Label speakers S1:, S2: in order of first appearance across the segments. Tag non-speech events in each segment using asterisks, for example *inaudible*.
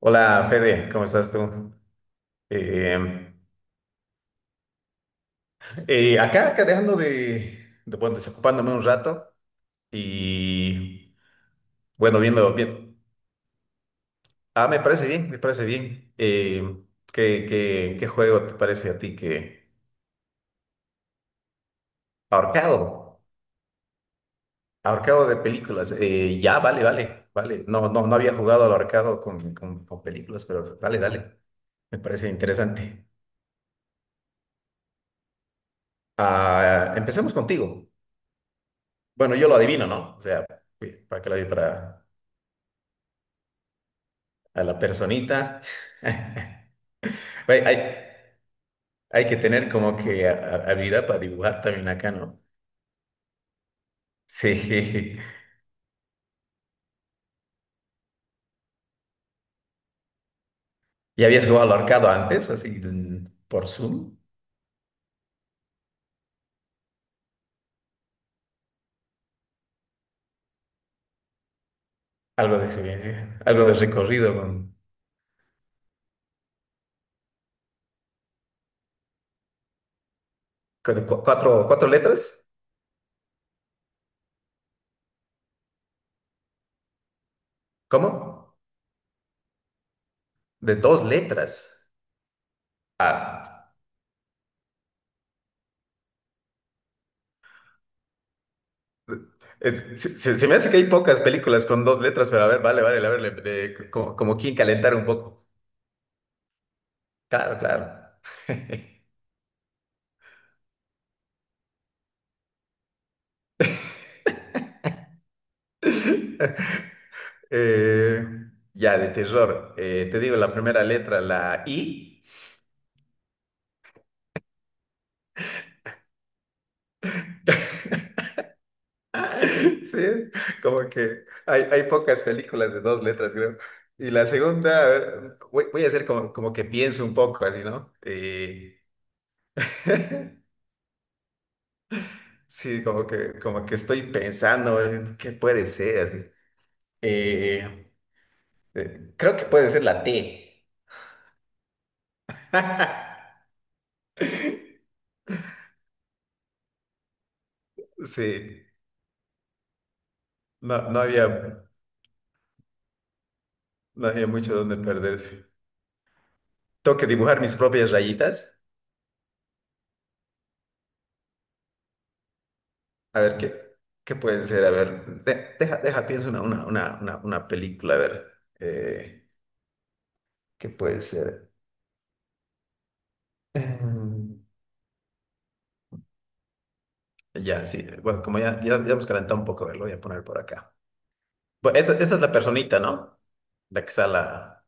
S1: Hola Fede, ¿cómo estás tú? Eh, acá, acá dejando bueno, desocupándome un rato y bueno, viendo bien. Ah, me parece bien, me parece bien. ¿Qué, qué juego te parece a ti que ahorcado? Ahorcado de películas. Ya, vale, vale, vale. No, no, no había jugado al ahorcado con, con películas, pero dale, dale. Me parece interesante. Ah, empecemos contigo. Bueno, yo lo adivino, ¿no? O sea, para que lo diga para a la personita. *laughs* Hay, hay, hay que tener como que habilidad para dibujar también acá, ¿no? Sí. *laughs* ¿Ya habías jugado al arcado antes, así por Zoom? Algo de experiencia, algo de recorrido con cuatro, cuatro letras. ¿Cómo? De dos letras. Ah, se, se me hace que hay pocas películas con dos letras, pero a ver, vale, vale, a ver, como, como quien calentar un poco. Claro, claro. *laughs* Eh, ya, de terror. Te digo la primera letra, la I. *laughs* Sí, como que hay pocas películas de dos letras, creo. Y la segunda, a ver, voy, voy a hacer como, como que pienso un poco, así, ¿no? *laughs* Sí, como que estoy pensando en qué puede ser, así. Eh, creo que puede ser la T. *laughs* Sí, no, no había, no había mucho donde perderse. Tengo que dibujar mis propias rayitas. A ver, ¿qué, qué puede ser? A ver, deja, deja, pienso una película, a ver, eh, ¿qué puede ser? Em, ya, sí, bueno, como ya, ya, ya hemos calentado un poco, a ver, lo voy a poner por acá. Bueno, esta es la personita, ¿no? La que está la...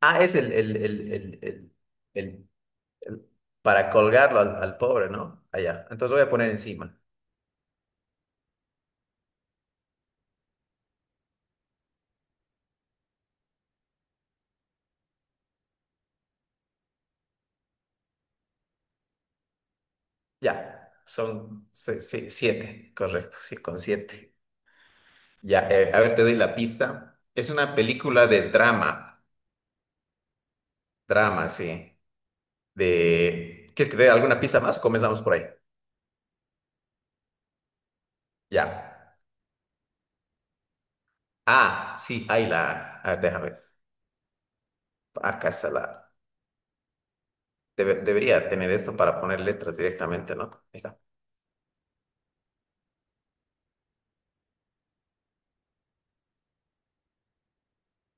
S1: Ah, es el, el- el- para colgarlo al, al pobre, ¿no? Allá. Entonces voy a poner encima. Ya, son siete, correcto, sí, con siete. Ya, a ver, te doy la pista. Es una película de drama, drama, sí. De... ¿Quieres que te dé alguna pista más? O comenzamos por ahí. Ya. Ah, sí, ahí la... A ver, déjame. Acá está la... debería tener esto para poner letras directamente, ¿no? Ahí está.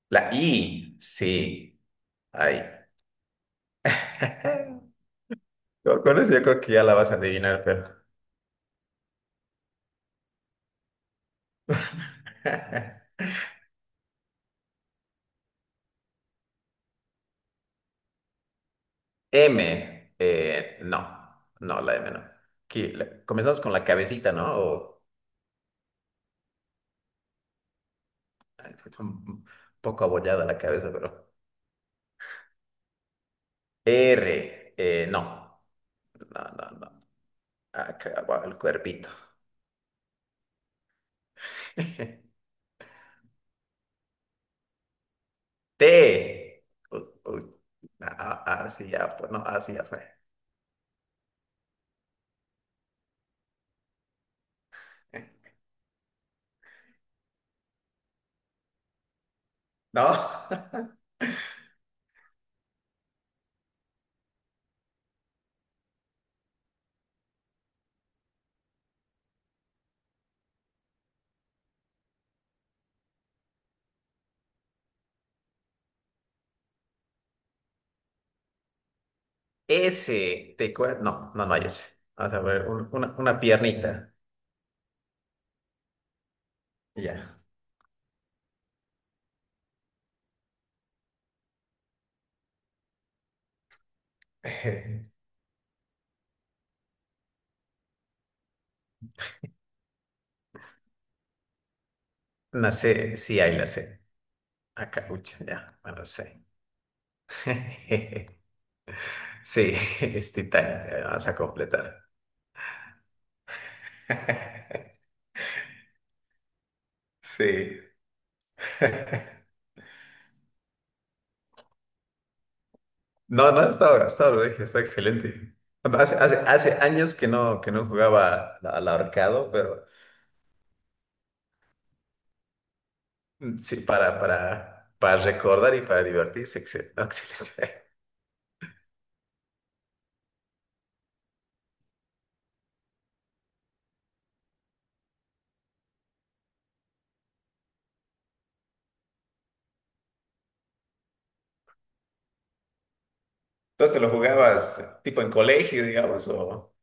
S1: La I, sí. Ahí. *laughs* Con eso yo creo que ya la vas a adivinar, pero... *laughs* M, no. No, la M no. Aquí, la- comenzamos con la cabecita, ¿no? O- está un poco abollada la cabeza, pero. R, no. No, no, no. Acá va el cuerpito. *laughs* T. U- u- ah, ah, sí, ya fue. No, así ya fue. *laughs* No. *laughs* S. Te cue- no, no, no hay S. Vamos a ver, una piernita. Ya. *laughs* Una C. Sí hay la C. Acá, ucha, ya. Bueno, C. *laughs* Sí, *laughs* es titánica. Vamos a completar. *laughs* Sí. *laughs* No, no, estaba gastado, dije, está excelente. Bueno, hace, hace, hace años que no jugaba al al ahorcado, pero sí, para recordar y para divertirse, no, excelente. *laughs* Entonces, ¿te lo jugabas tipo en colegio, digamos, o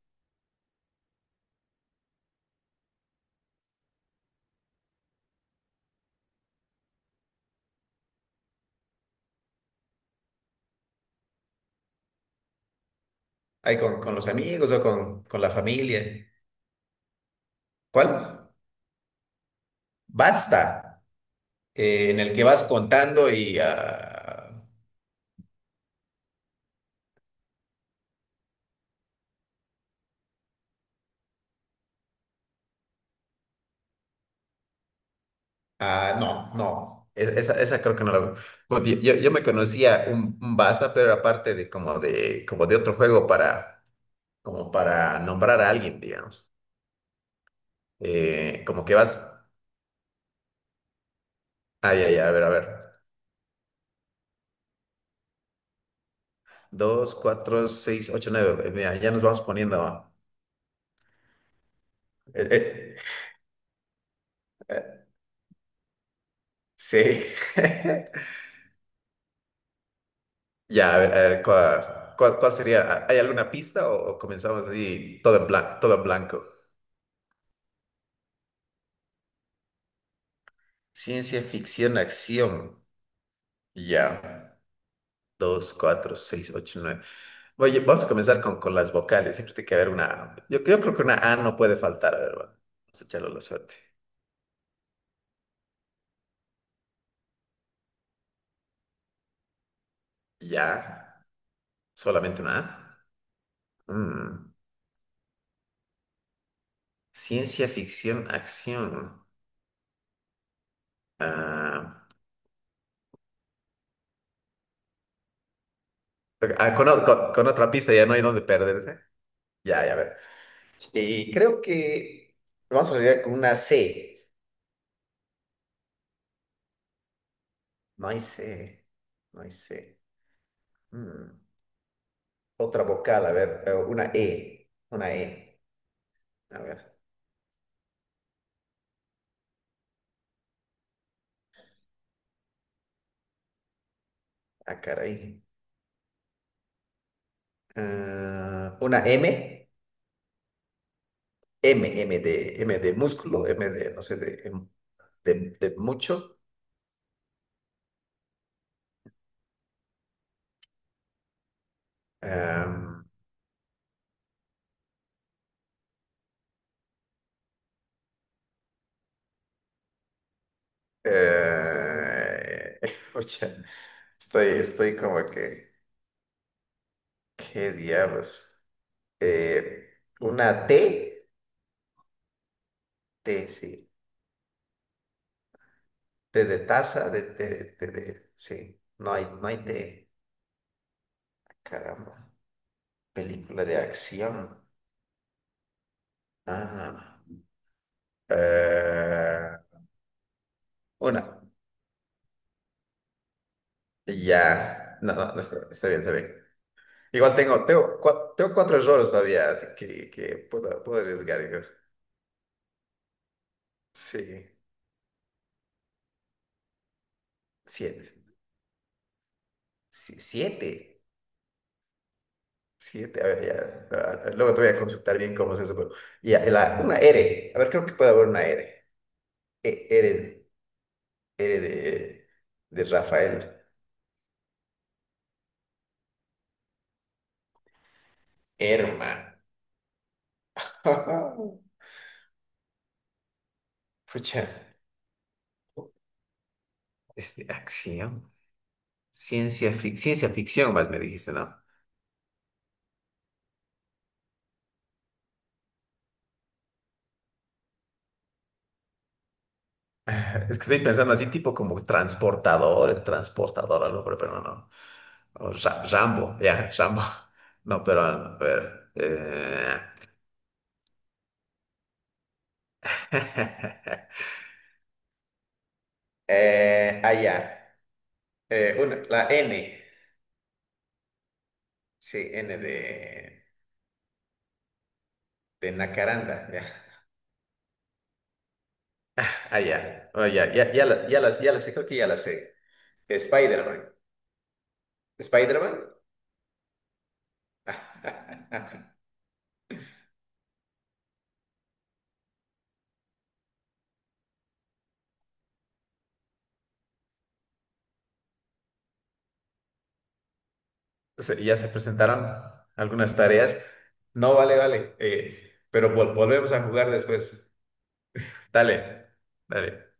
S1: ahí con los amigos o con la familia? ¿Cuál? Basta, en el que vas contando y ah, ah, no, no, esa, esa creo que no la veo. Bueno, yo, yo me conocía un Baza, pero aparte de como de, como de otro juego para, como para nombrar a alguien, digamos. Como que vas, ay, ay, a ver, a ver. Dos, cuatro, seis, ocho, nueve. Mira, ya nos vamos poniendo. eh, eh, eh, sí. *laughs* Ya, a ver, ¿cuál, cuál, cuál sería? ¿Hay alguna pista o comenzamos así todo en blanco, todo en blanco? Ciencia ficción, acción. Ya. Dos, cuatro, seis, ocho, nueve. Oye, vamos a comenzar con las vocales. Siempre tiene que haber una. Yo creo que una A no puede faltar. A ver, va, vamos a echarlo a la suerte. Ya, solamente una A. Mm. Ciencia ficción, acción. Ah, ok, ah, con, con otra pista ya no hay dónde perderse. Ya, ya, a ver. Y creo que vamos a llegar con una C. No hay C. No hay C. Mm. Otra vocal, a ver, una E. Una E. A ver. Ah, caray. Ah, una M, M, M de músculo, M de, no sé, de, de, de mucho. Am, eh, *laughs* oye, estoy, estoy como que, ¿qué diablos? Eh, una T, T, sí, T de taza, de- sí, no hay, no hay T, caramba, película de acción. Ah, eh, una, ya, no, no, no, está, está bien, está bien. Igual tengo, tengo, tengo cuatro errores todavía, así que puedo, puedo arriesgar yo. Sí, siete. Sí, siete. Siete, a ver, ya. Luego te voy a consultar bien cómo es eso, pero. Ya, la- una R. A ver, creo que puede haber una R. R, R de Rafael. Herma. *laughs* Pucha. Este, acción. Ciencia, ciencia ficción, más me dijiste, ¿no? *laughs* Es que estoy pensando así, tipo como transportador, el transportador, algo, pero no, no. O Rambo, ya, Rambo. *laughs* No, pero a ver. *laughs* Eh, ah, la N. Sí, N de Nacaranda. Ya. *laughs* Allá ya. Oh, ya, ya, ya, la, ya, la, ya la sé, creo que ya la sé. Spider-Man. ¿Spider-Man? *laughs* Ya se presentaron algunas tareas. No, vale, vale. Pero volvemos a jugar después. Dale, dale.